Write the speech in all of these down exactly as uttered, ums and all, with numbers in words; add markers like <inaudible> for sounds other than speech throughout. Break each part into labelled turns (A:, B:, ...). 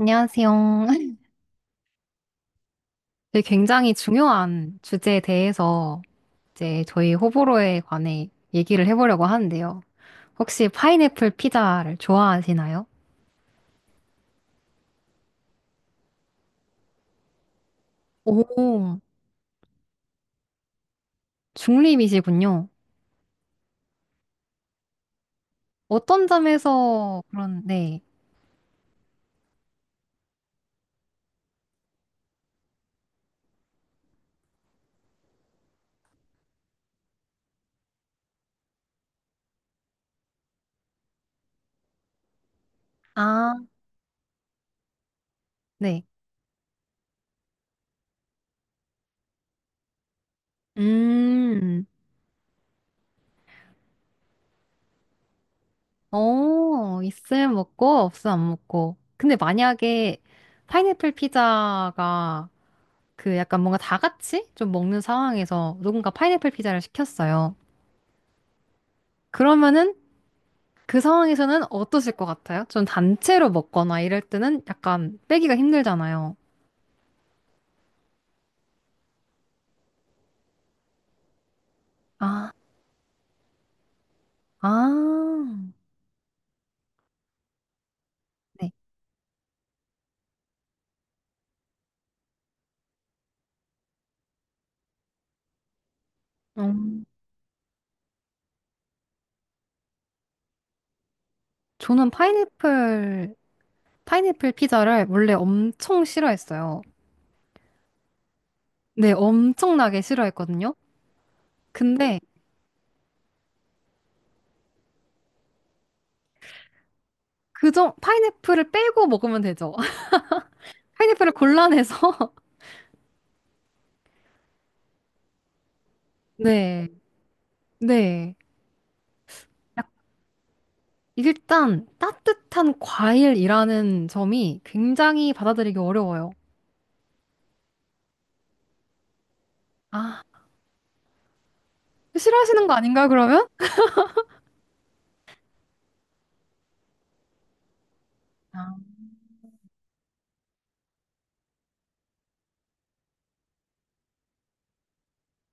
A: 안녕하세요. <laughs> 네, 굉장히 중요한 주제에 대해서 이제 저희 호불호에 관해 얘기를 해보려고 하는데요. 혹시 파인애플 피자를 좋아하시나요? 오, 중립이시군요. 어떤 점에서 그런, 네. 아, 네. 음, 어, 있을 먹고, 없을 안 먹고. 근데 만약에 파인애플 피자가 그 약간 뭔가 다 같이 좀 먹는 상황에서 누군가 파인애플 피자를 시켰어요. 그러면은 그 상황에서는 어떠실 것 같아요? 전 단체로 먹거나 이럴 때는 약간 빼기가 힘들잖아요. 아, 아, 네. 음, 저는 파인애플, 파인애플 피자를 원래 엄청 싫어했어요. 네, 엄청나게 싫어했거든요. 근데 그정 파인애플을 빼고 먹으면 되죠. <laughs> 파인애플을 골라내서 <laughs> 네, 네. 약- 일단 따뜻한 과일이라는 점이 굉장히 받아들이기 어려워요. 아, 싫어하시는 거 아닌가요, 그러면?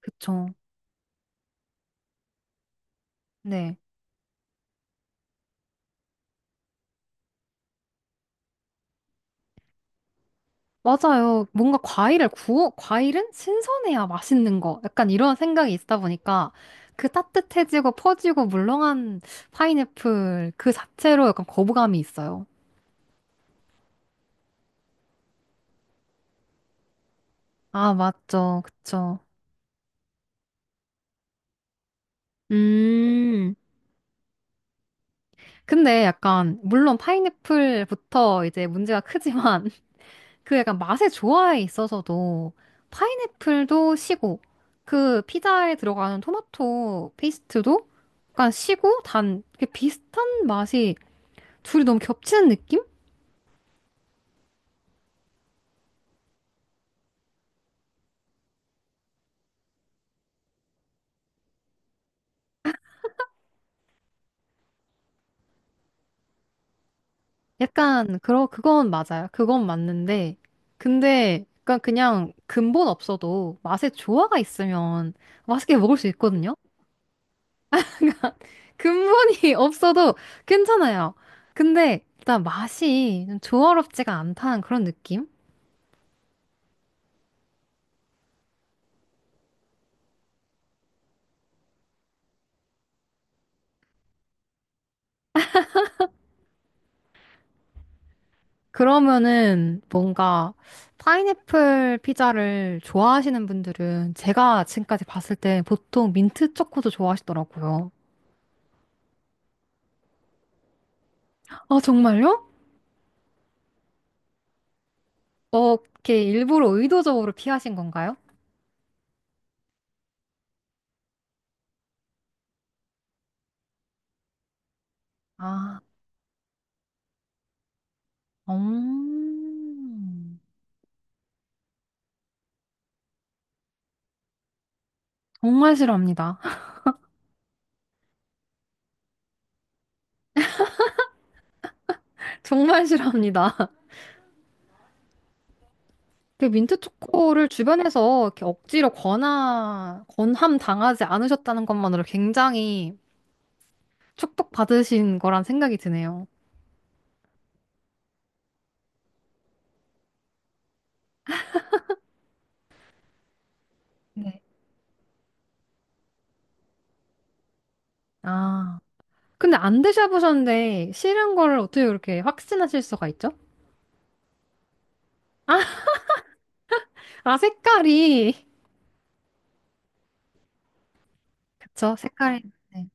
A: 그쵸. 네. 맞아요. 뭔가 과일을 구워, 과일은 신선해야 맛있는 거. 약간 이런 생각이 있다 보니까 그 따뜻해지고 퍼지고 물렁한 파인애플 그 자체로 약간 거부감이 있어요. 아, 맞죠. 그쵸. 음. 근데 약간, 물론 파인애플부터 이제 문제가 크지만 <laughs> 그 약간 맛의 조화에 있어서도 파인애플도 시고 그 피자에 들어가는 토마토 페이스트도 약간 시고 단 이렇게 비슷한 맛이 둘이 너무 겹치는 느낌? 약간 그러 그건 맞아요. 그건 맞는데 근데 약간 그냥 근본 없어도 맛의 조화가 있으면 맛있게 먹을 수 있거든요. <laughs> 그러니까 근본이 없어도 괜찮아요. 근데 일단 맛이 좀 조화롭지가 않다는 그런 느낌? 그러면은 뭔가 파인애플 피자를 좋아하시는 분들은 제가 지금까지 봤을 때 보통 민트 초코도 좋아하시더라고요. 아, 정말요? 어, 이렇게 일부러 의도적으로 피하신 건가요? 아, 음, 정말 싫어합니다. <laughs> 정말 싫어합니다. 그 민트 초코를 주변에서 이렇게 억지로 권하, 권함 당하지 않으셨다는 것만으로 굉장히 축복받으신 거란 생각이 드네요. 네. 아. 근데 안 드셔보셨는데 싫은 거를 어떻게 그렇게 확신하실 수가 있죠? 아, 아 색깔이. 그쵸, 색깔이. 네,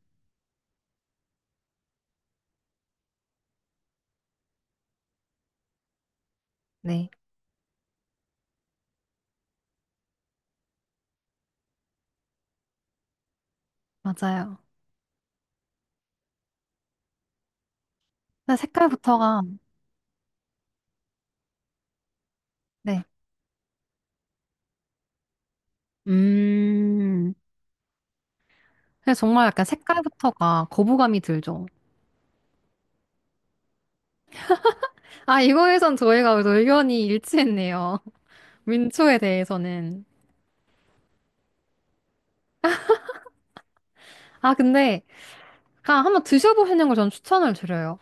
A: 네, 맞아요. 근데 색깔부터가, 네. 음. 그래서 정말 약간 색깔부터가 거부감이 들죠. 아, 이거에선 저희가 그래도 의견이 일치했네요. <laughs> 민초에 대해서는. 아, 근데, 아, 한번 드셔보시는 걸 전 추천을 드려요.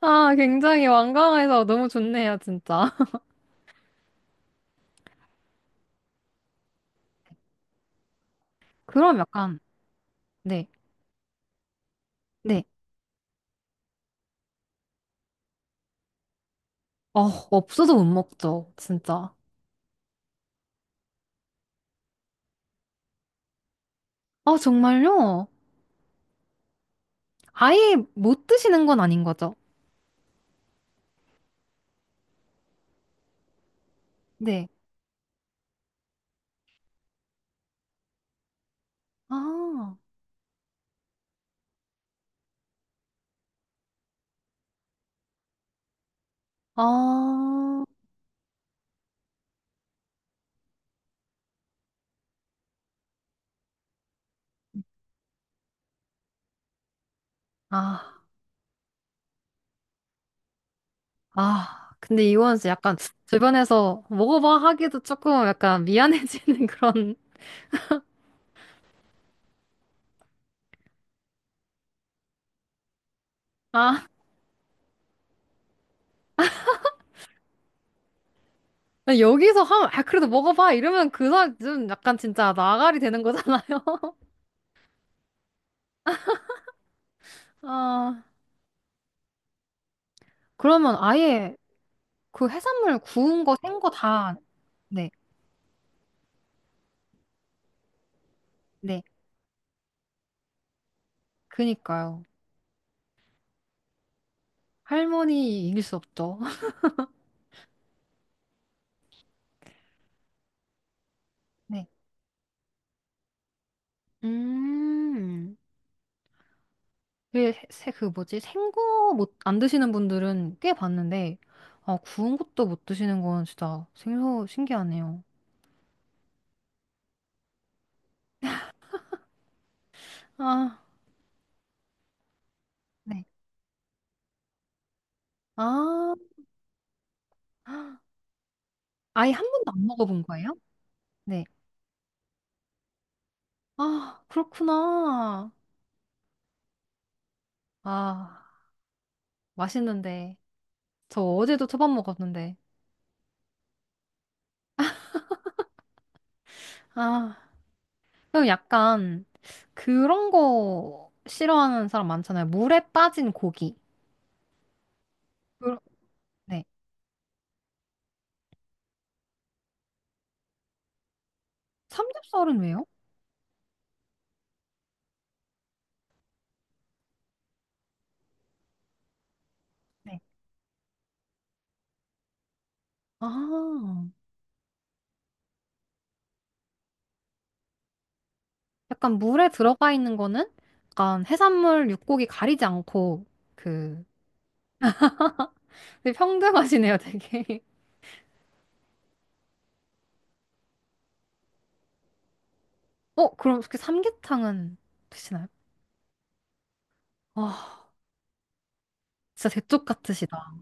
A: 아, 굉장히 완강해서 너무 좋네요, 진짜. <laughs> 그럼 약간, 네. 네. 어, 없어서 못 먹죠, 진짜. 아, 정말요? 아예 못 드시는 건 아닌 거죠? 네. 아, 아, 아, 아. 근데 이건 진짜 약간 주변에서 먹어봐 하기도 조금 약간 미안해지는 <laughs> 그런, 아, 여기서 하면, 아, 그래도 먹어봐 이러면 그 사람 좀 약간 진짜 나가리 되는 거잖아요. <laughs> 아, 그러면 아예 그 해산물 구운 거, 생 거 다, 네, 네. 그니까요. 할머니 이길 수 없죠. <laughs> 네. 음, 그게 세, 세- 그 뭐지? 생거 못, 안 드시는 분들은 꽤 봤는데, 아, 구운 것도 못 드시는 건 진짜 생소, 신기하네요. 아, 네. 아, 아예 한 번도 안 먹어본 거예요? 네. 아, 그렇구나. 아, 맛있는데. 저 어제도 초밥 먹었는데. 아, 그럼 약간 그런 거 싫어하는 사람 많잖아요. 물에 빠진 고기. 그- 네. 삼겹살은 왜요? 네. 아. 약간 물에 들어가 있는 거는 약간 해산물, 육고기 가리지 않고 그 되게 평등하시네요, 되게. <laughs> 어, 그럼 그 삼계탕은 드시나요? 아, 진짜 대쪽 같으시다.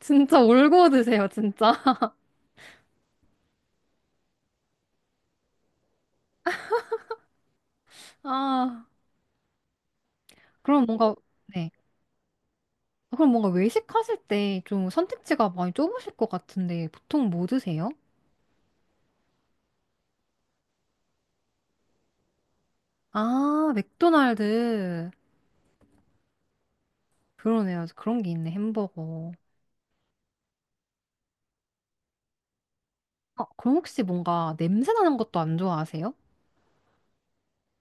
A: 진짜 울고 드세요, 진짜. <laughs> 아, 그럼 뭔가 네. 아, 그럼 뭔가 외식하실 때 좀 선택지가 많이 좁으실 것 같은데 보통 뭐 드세요? 아, 맥도날드. 그러네요. 그런 게 있네, 햄버거. 아, 그럼 혹시 뭔가 냄새 나는 것도 안 좋아하세요?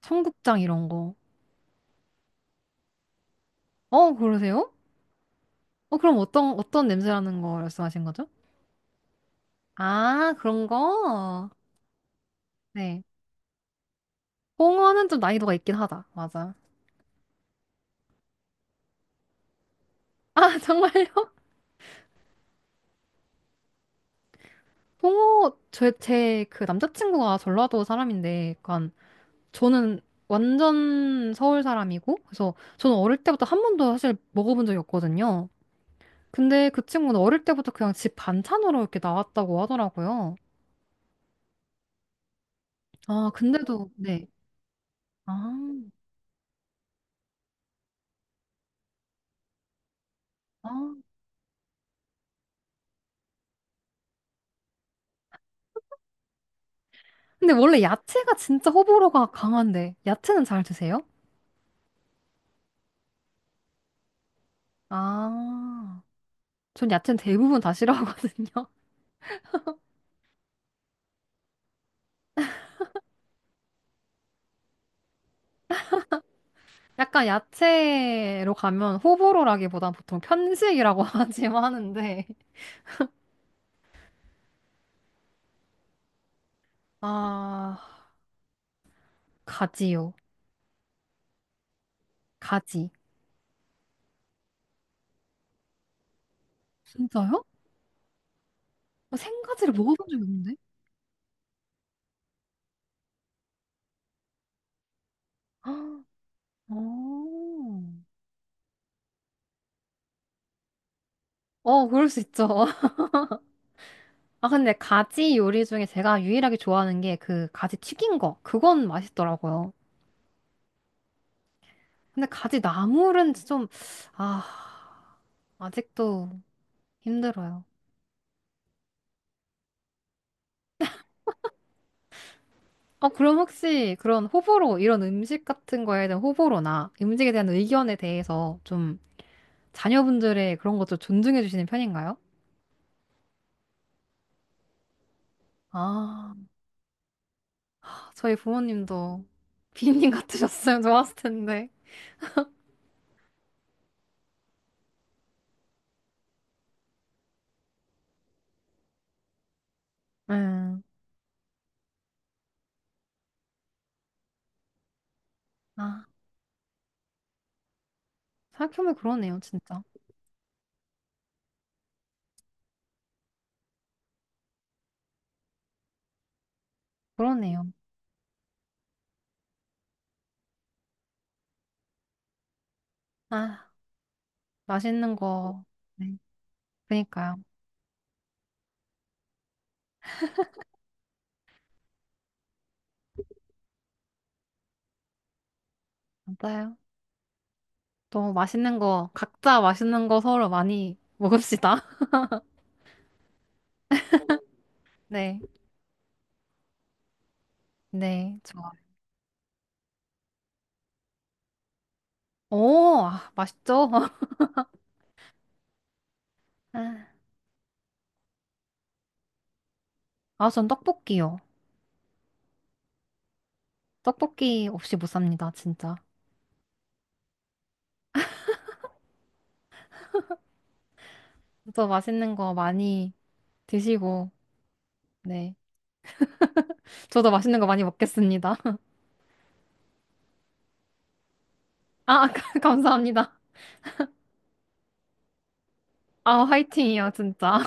A: 청국장 이런 거. 어, 그러세요? 어, 그럼 어떤, 어떤 냄새라는 거 말씀하신 거죠? 아, 그런 거? 네. 홍어는 좀 난이도가 있긴 하다. 맞아. 아, <laughs> 정말요? 홍어, 제, 제, 그 남자친구가 전라도 사람인데, 약간, 저는 완전 서울 사람이고, 그래서 저는 어릴 때부터 한 번도 사실 먹어본 적이 없거든요. 근데 그 친구는 어릴 때부터 그냥 집 반찬으로 이렇게 나왔다고 하더라고요. 아, 근데도, 네. 아, 아. 근데 원래 야채가 진짜 호불호가 강한데, 야채는 잘 드세요? 아, 전 야채는 대부분 다 싫어하거든요. <laughs> 약간 야채로 가면 호불호라기보단 보통 편식이라고 <laughs> 하지만 하는데, 아, 가지요. 가지. 진짜요? 어, 생가지를 먹어본 적이 없는데? <gasps> 아, 어, 어, 그럴 수 있죠. <laughs> 아, 근데 가지 요리 중에 제가 유일하게 좋아하는 게 그 가지 튀긴 거. 그건 맛있더라고요. 근데 가지 나물은 좀, 아, 아직도 힘들어요. 어, 그럼 혹시 그런 호불호, 이런 음식 같은 거에 대한 호불호나 음식에 대한 의견에 대해서 좀 자녀분들의 그런 것도 존중해 주시는 편인가요? 아, 저희 부모님도 <laughs> 비님 같으셨으면 좋았을 텐데. 음, 아, 생각해보면 그러네요, 진짜. 그러네요. 아, 맛있는 거. 네, 그니까요. 맞아요. 또 맛있는 거, 각자 맛있는 거 서로 많이 먹읍시다. 네, 네, 좋아. 오, 아, 맛있죠? <laughs> 아, 전 떡볶이요. 떡볶이 없이 못 삽니다, 진짜. 저도 맛있는 거 많이 드시고, 네. 저도 맛있는 거 많이 먹겠습니다. <laughs> 아, <laughs> 감사합니다. 아, 화이팅이요, 진짜.